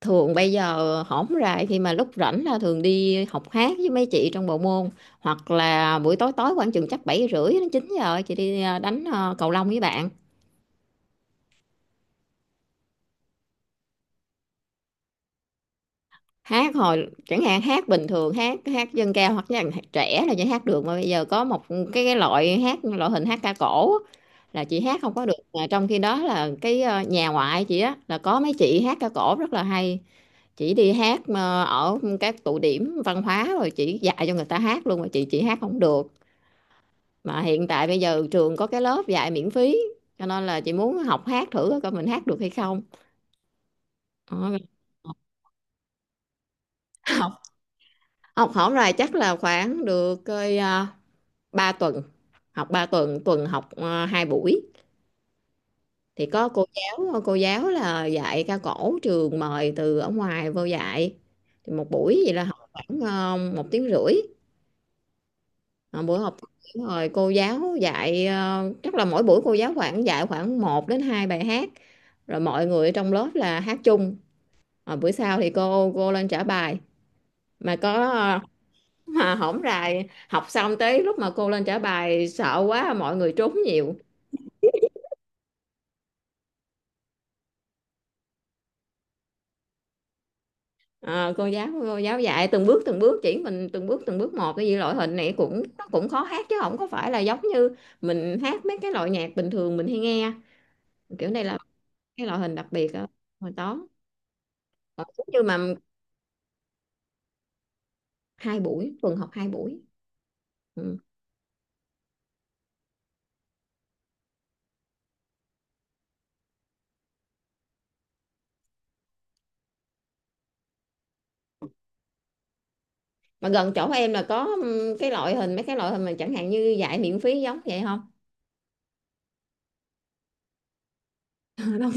Thường bây giờ hổng rày khi mà lúc rảnh là thường đi học hát với mấy chị trong bộ môn, hoặc là buổi tối tối khoảng chừng chắc 7 rưỡi đến 9 giờ chị đi đánh cầu lông với bạn. Hát hồi chẳng hạn hát bình thường, hát hát dân ca hoặc là hát trẻ là chỉ hát được, mà bây giờ có một cái loại hát loại hình hát ca cổ á, là chị hát không có được, mà trong khi đó là cái nhà ngoại chị á là có mấy chị hát ca cổ rất là hay. Chị đi hát mà ở các tụ điểm văn hóa rồi chị dạy cho người ta hát luôn mà chị hát không được, mà hiện tại bây giờ trường có cái lớp dạy miễn phí, cho nên là chị muốn học hát thử coi mình hát được hay không. Ờ, học học hỏng rồi chắc là khoảng được coi 3 tuần, học 3 tuần tuần học 2 buổi, thì có cô giáo là dạy ca cổ trường mời từ ở ngoài vô dạy. Thì một buổi vậy là học khoảng 1 tiếng rưỡi. Ờ, buổi học rồi cô giáo dạy, chắc là mỗi buổi cô giáo khoảng dạy khoảng một đến 2 bài hát, rồi mọi người ở trong lớp là hát chung. Ờ, bữa sau thì cô lên trả bài mà có mà hổng rày học xong tới lúc mà cô lên trả bài sợ quá mọi người trốn nhiều. Ờ, cô giáo dạy từng bước từng bước, chỉ mình từng bước một, cái gì loại hình này cũng nó cũng khó hát chứ không có phải là giống như mình hát mấy cái loại nhạc bình thường mình hay nghe. Kiểu này là cái loại hình đặc biệt á, hồi đó. Còn giống như mà hai buổi, tuần học hai buổi, ừ. Mà gần chỗ em là có ừ, cái loại hình mấy cái loại hình mà chẳng hạn như dạy miễn phí giống vậy không? Đâu,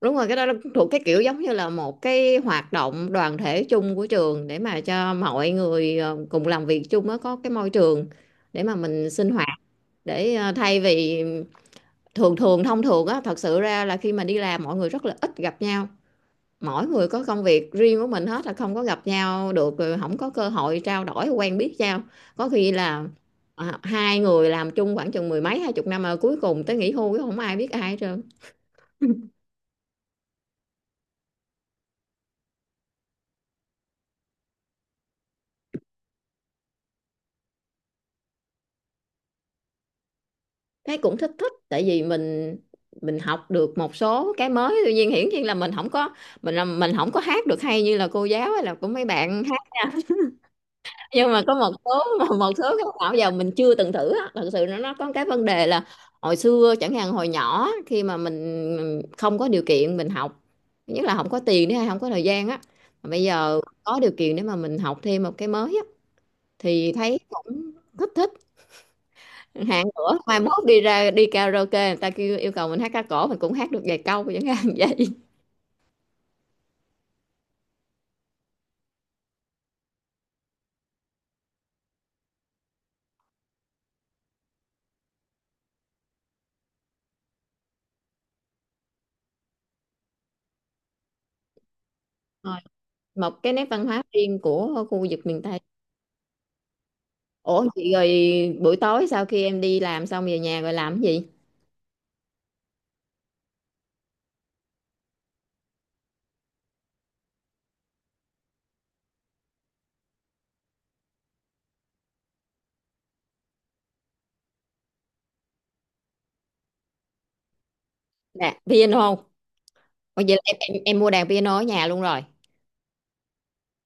đúng rồi cái đó là thuộc cái kiểu giống như là một cái hoạt động đoàn thể chung của trường để mà cho mọi người cùng làm việc chung á, có cái môi trường để mà mình sinh hoạt, để thay vì thường thường thông thường á, thật sự ra là khi mà đi làm mọi người rất là ít gặp nhau, mỗi người có công việc riêng của mình hết là không có gặp nhau được, rồi không có cơ hội trao đổi quen biết nhau, có khi là hai người làm chung khoảng chừng mười mấy hai chục năm mà cuối cùng tới nghỉ hưu cũng không ai biết ai hết trơn. Thấy cũng thích thích, tại vì mình học được một số cái mới, tuy nhiên hiển nhiên là mình không có, mình là mình không có hát được hay như là cô giáo hay là của mấy bạn hát, nhưng mà có một số một số cái nào giờ mình chưa từng thử á, thật sự nó có cái vấn đề là hồi xưa chẳng hạn hồi nhỏ khi mà mình không có điều kiện mình học. Thứ nhất là không có tiền nữa hay không có thời gian á, mà bây giờ có điều kiện để mà mình học thêm một cái mới á thì thấy cũng thích thích. Hạn nữa mai mốt đi ra đi karaoke người ta kêu yêu cầu mình hát ca cổ mình cũng hát được vài câu chẳng hạn vậy. Rồi, một cái nét văn hóa riêng của khu vực miền Tây. Ủa chị rồi, buổi tối sau khi em đi làm xong về nhà rồi làm cái gì? Nè piano. Ủa vậy là em mua đàn piano ở nhà luôn rồi,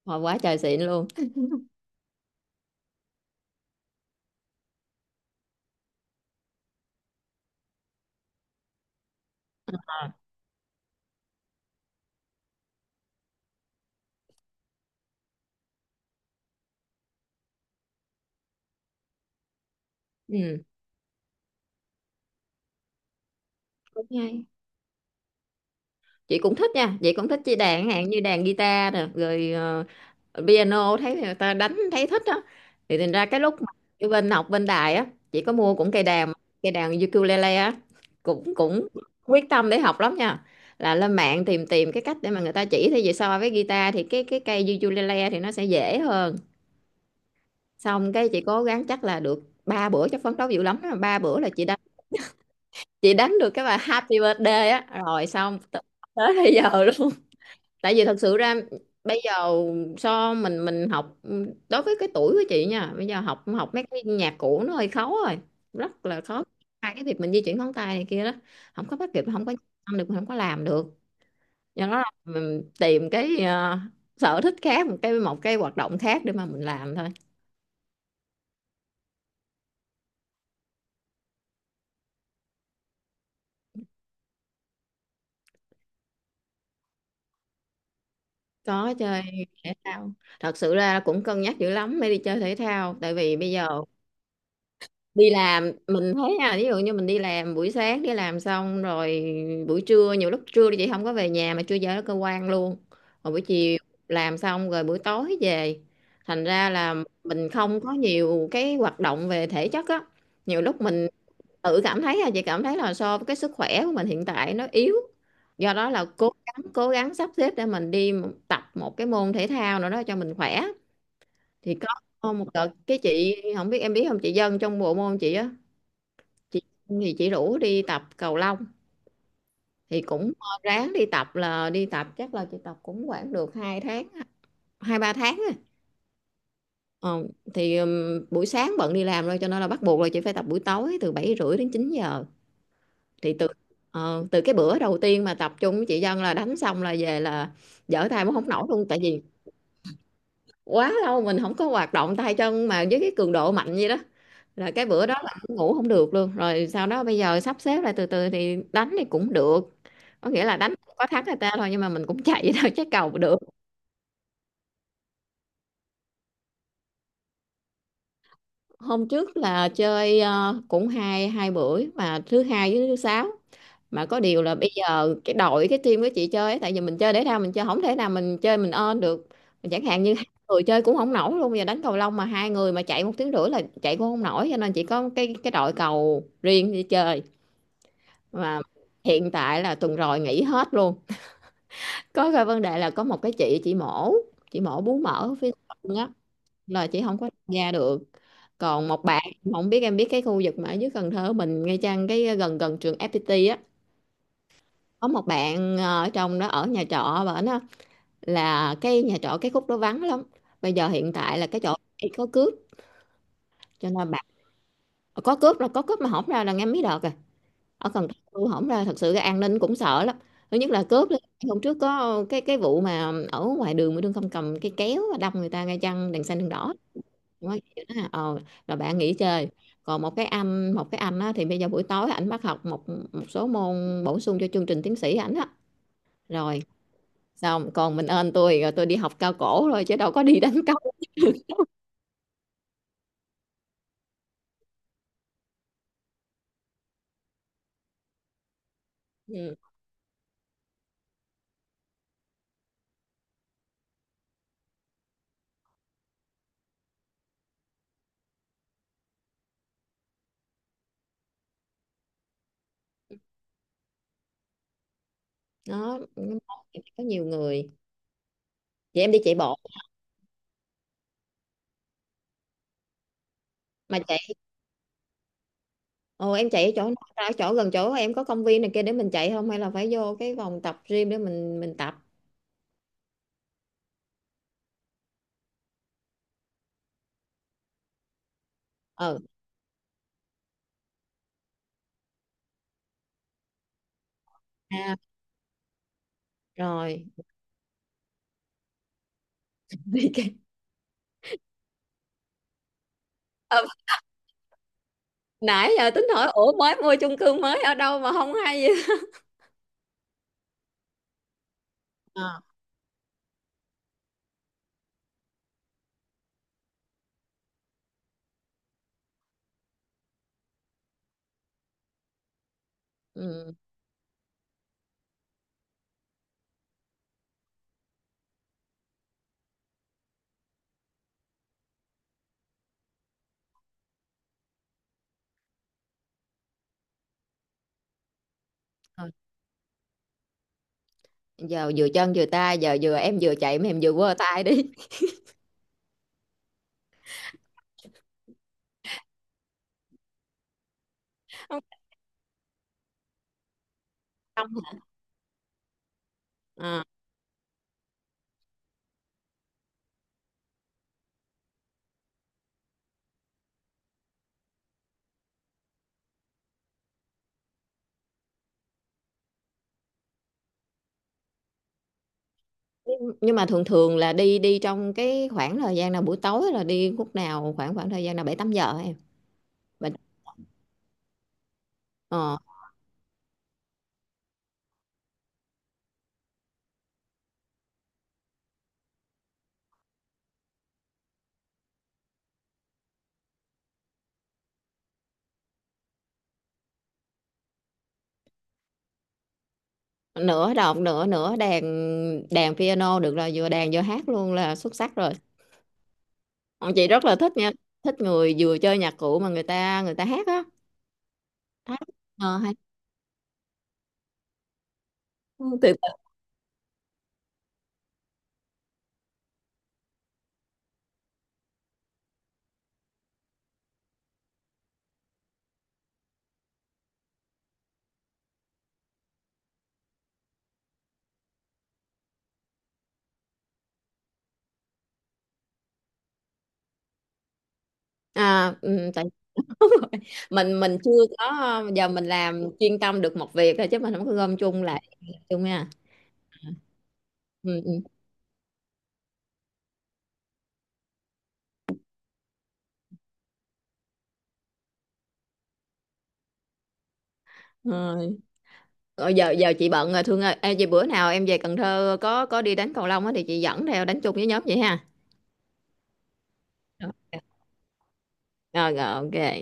hồi quá trời xịn luôn. Ừ cũng hay, chị cũng thích nha, chị cũng thích chơi đàn hạn như đàn guitar nè rồi piano thấy người ta đánh thấy thích á. Thì thành ra cái lúc mà ở bên học bên đài á, chị có mua cũng cây đàn ukulele á, cũng cũng quyết tâm để học lắm nha. Là lên mạng tìm tìm cái cách để mà người ta chỉ thì về, so với guitar thì cái cây ukulele thì nó sẽ dễ hơn. Xong cái chị cố gắng chắc là được ba bữa, chắc phấn đấu dữ lắm á. Ba bữa là chị đánh được cái bài Happy Birthday á rồi xong tới bây giờ luôn. Tại vì thật sự ra bây giờ so mình học đối với cái tuổi của chị nha, bây giờ học học mấy cái nhạc cũ nó hơi khó rồi, rất là khó. Hai cái việc mình di chuyển ngón tay này kia đó không có bắt kịp, không có ăn được, mình không có làm được. Do đó là mình tìm cái sở thích khác, một cái hoạt động khác để mà mình làm thôi. Có chơi thể thao. Thật sự ra cũng cân nhắc dữ lắm mới đi chơi thể thao, tại vì bây giờ đi làm mình thấy nha, ví dụ như mình đi làm buổi sáng đi làm xong rồi buổi trưa, nhiều lúc trưa thì chị không có về nhà mà trưa giờ ở cơ quan luôn, rồi buổi chiều làm xong rồi buổi tối về, thành ra là mình không có nhiều cái hoạt động về thể chất á. Nhiều lúc mình tự cảm thấy là chị cảm thấy là so với cái sức khỏe của mình hiện tại nó yếu, do đó là cố gắng sắp xếp để mình đi tập một cái môn thể thao nào đó cho mình khỏe. Thì có một đợt cái chị không biết em biết không chị Dân trong bộ môn chị á, chị chị rủ đi tập cầu lông, thì cũng ráng đi tập, là đi tập chắc là chị tập cũng khoảng được 2 tháng, hai ba tháng á. Ờ, thì buổi sáng bận đi làm rồi cho nên là bắt buộc là chị phải tập buổi tối từ bảy rưỡi đến 9 giờ, thì từ từ cái bữa đầu tiên mà tập chung với chị Dân là đánh xong là về là dở tay cũng không nổi luôn, tại vì quá lâu mình không có hoạt động tay chân mà với cái cường độ mạnh vậy đó. Là cái bữa đó là ngủ không được luôn, rồi sau đó bây giờ sắp xếp lại từ từ thì đánh thì cũng được, có nghĩa là đánh có thắng người ta thôi nhưng mà mình cũng chạy vậy thôi chứ cầu được. Hôm trước là chơi cũng hai hai buổi mà thứ hai với thứ sáu. Mà có điều là bây giờ cái đội cái team của chị chơi ấy, tại vì mình chơi thể thao mình chơi không thể nào mình chơi mình ơn được, chẳng hạn như hai người chơi cũng không nổi luôn, bây giờ đánh cầu lông mà hai người mà chạy 1 tiếng rưỡi là chạy cũng không nổi, cho nên chỉ có cái đội cầu riêng đi chơi. Mà hiện tại là tuần rồi nghỉ hết luôn. Có cái vấn đề là có một cái chị mổ bú mỡ ở phía sau á, là chị không có tham gia được. Còn một bạn, không biết em biết cái khu vực mà ở dưới Cần Thơ mình ngay chăng cái gần gần trường FPT á, có một bạn ở trong đó ở nhà trọ và nó là cái nhà trọ cái khúc đó vắng lắm, bây giờ hiện tại là cái chỗ ấy có cướp, cho nên bạn có cướp là có cướp mà hổng ra là nghe mấy đợt rồi. Ở Cần Thơ tôi hổng ra thật sự cái an ninh cũng sợ lắm, thứ nhất là cướp. Hôm trước có cái vụ mà ở ngoài đường mà đương không cầm cái kéo đâm người ta ngay chăng đèn xanh đèn đỏ. Đúng rồi, vậy đó hả? Ờ, rồi bạn nghỉ chơi. Còn một cái anh á, thì bây giờ buổi tối ảnh bắt học một một số môn bổ sung cho chương trình tiến sĩ ảnh á. Rồi xong còn mình ơn tôi rồi, tôi đi học cao cổ rồi chứ đâu có đi đánh cầu. Ừ. Đó có nhiều người vậy em đi chạy bộ mà chạy. Ồ em chạy ở chỗ nào? Ra ở chỗ gần chỗ em có công viên này kia để mình chạy không hay là phải vô cái vòng tập gym để mình tập? Ừ. À, rồi đi cái. Ờ, nãy giờ tính hỏi ủa mới mua chung cư mới ở đâu mà không hay. Ờ, ừ. Rồi. Giờ vừa chân vừa tay, giờ vừa em vừa chạy mà em vừa quơ tay đi. Không, xong hả? Ờ, nhưng mà thường thường là đi đi trong cái khoảng thời gian nào buổi tối, là đi lúc nào, khoảng khoảng thời gian nào, bảy tám giờ hả em? Bảy- ờ, Nửa đọc nửa nửa đàn, đàn piano được rồi vừa đàn vừa hát luôn là xuất sắc rồi. Ờ, chị rất là thích nha, thích người vừa chơi nhạc cụ mà người ta hát á. Hát, hay. Ừ, từ từ. À, ừ, tại. Đúng rồi. Mình chưa có, giờ mình làm chuyên tâm được một việc thôi chứ mình không có gom chung lại chung nha. Ừ, ừ. Rồi. Rồi giờ giờ chị bận rồi Thương ơi. Ê, vậy bữa nào em về Cần Thơ có đi đánh cầu lông á thì chị dẫn theo đánh chung với nhóm vậy ha? Rồi rồi, ok.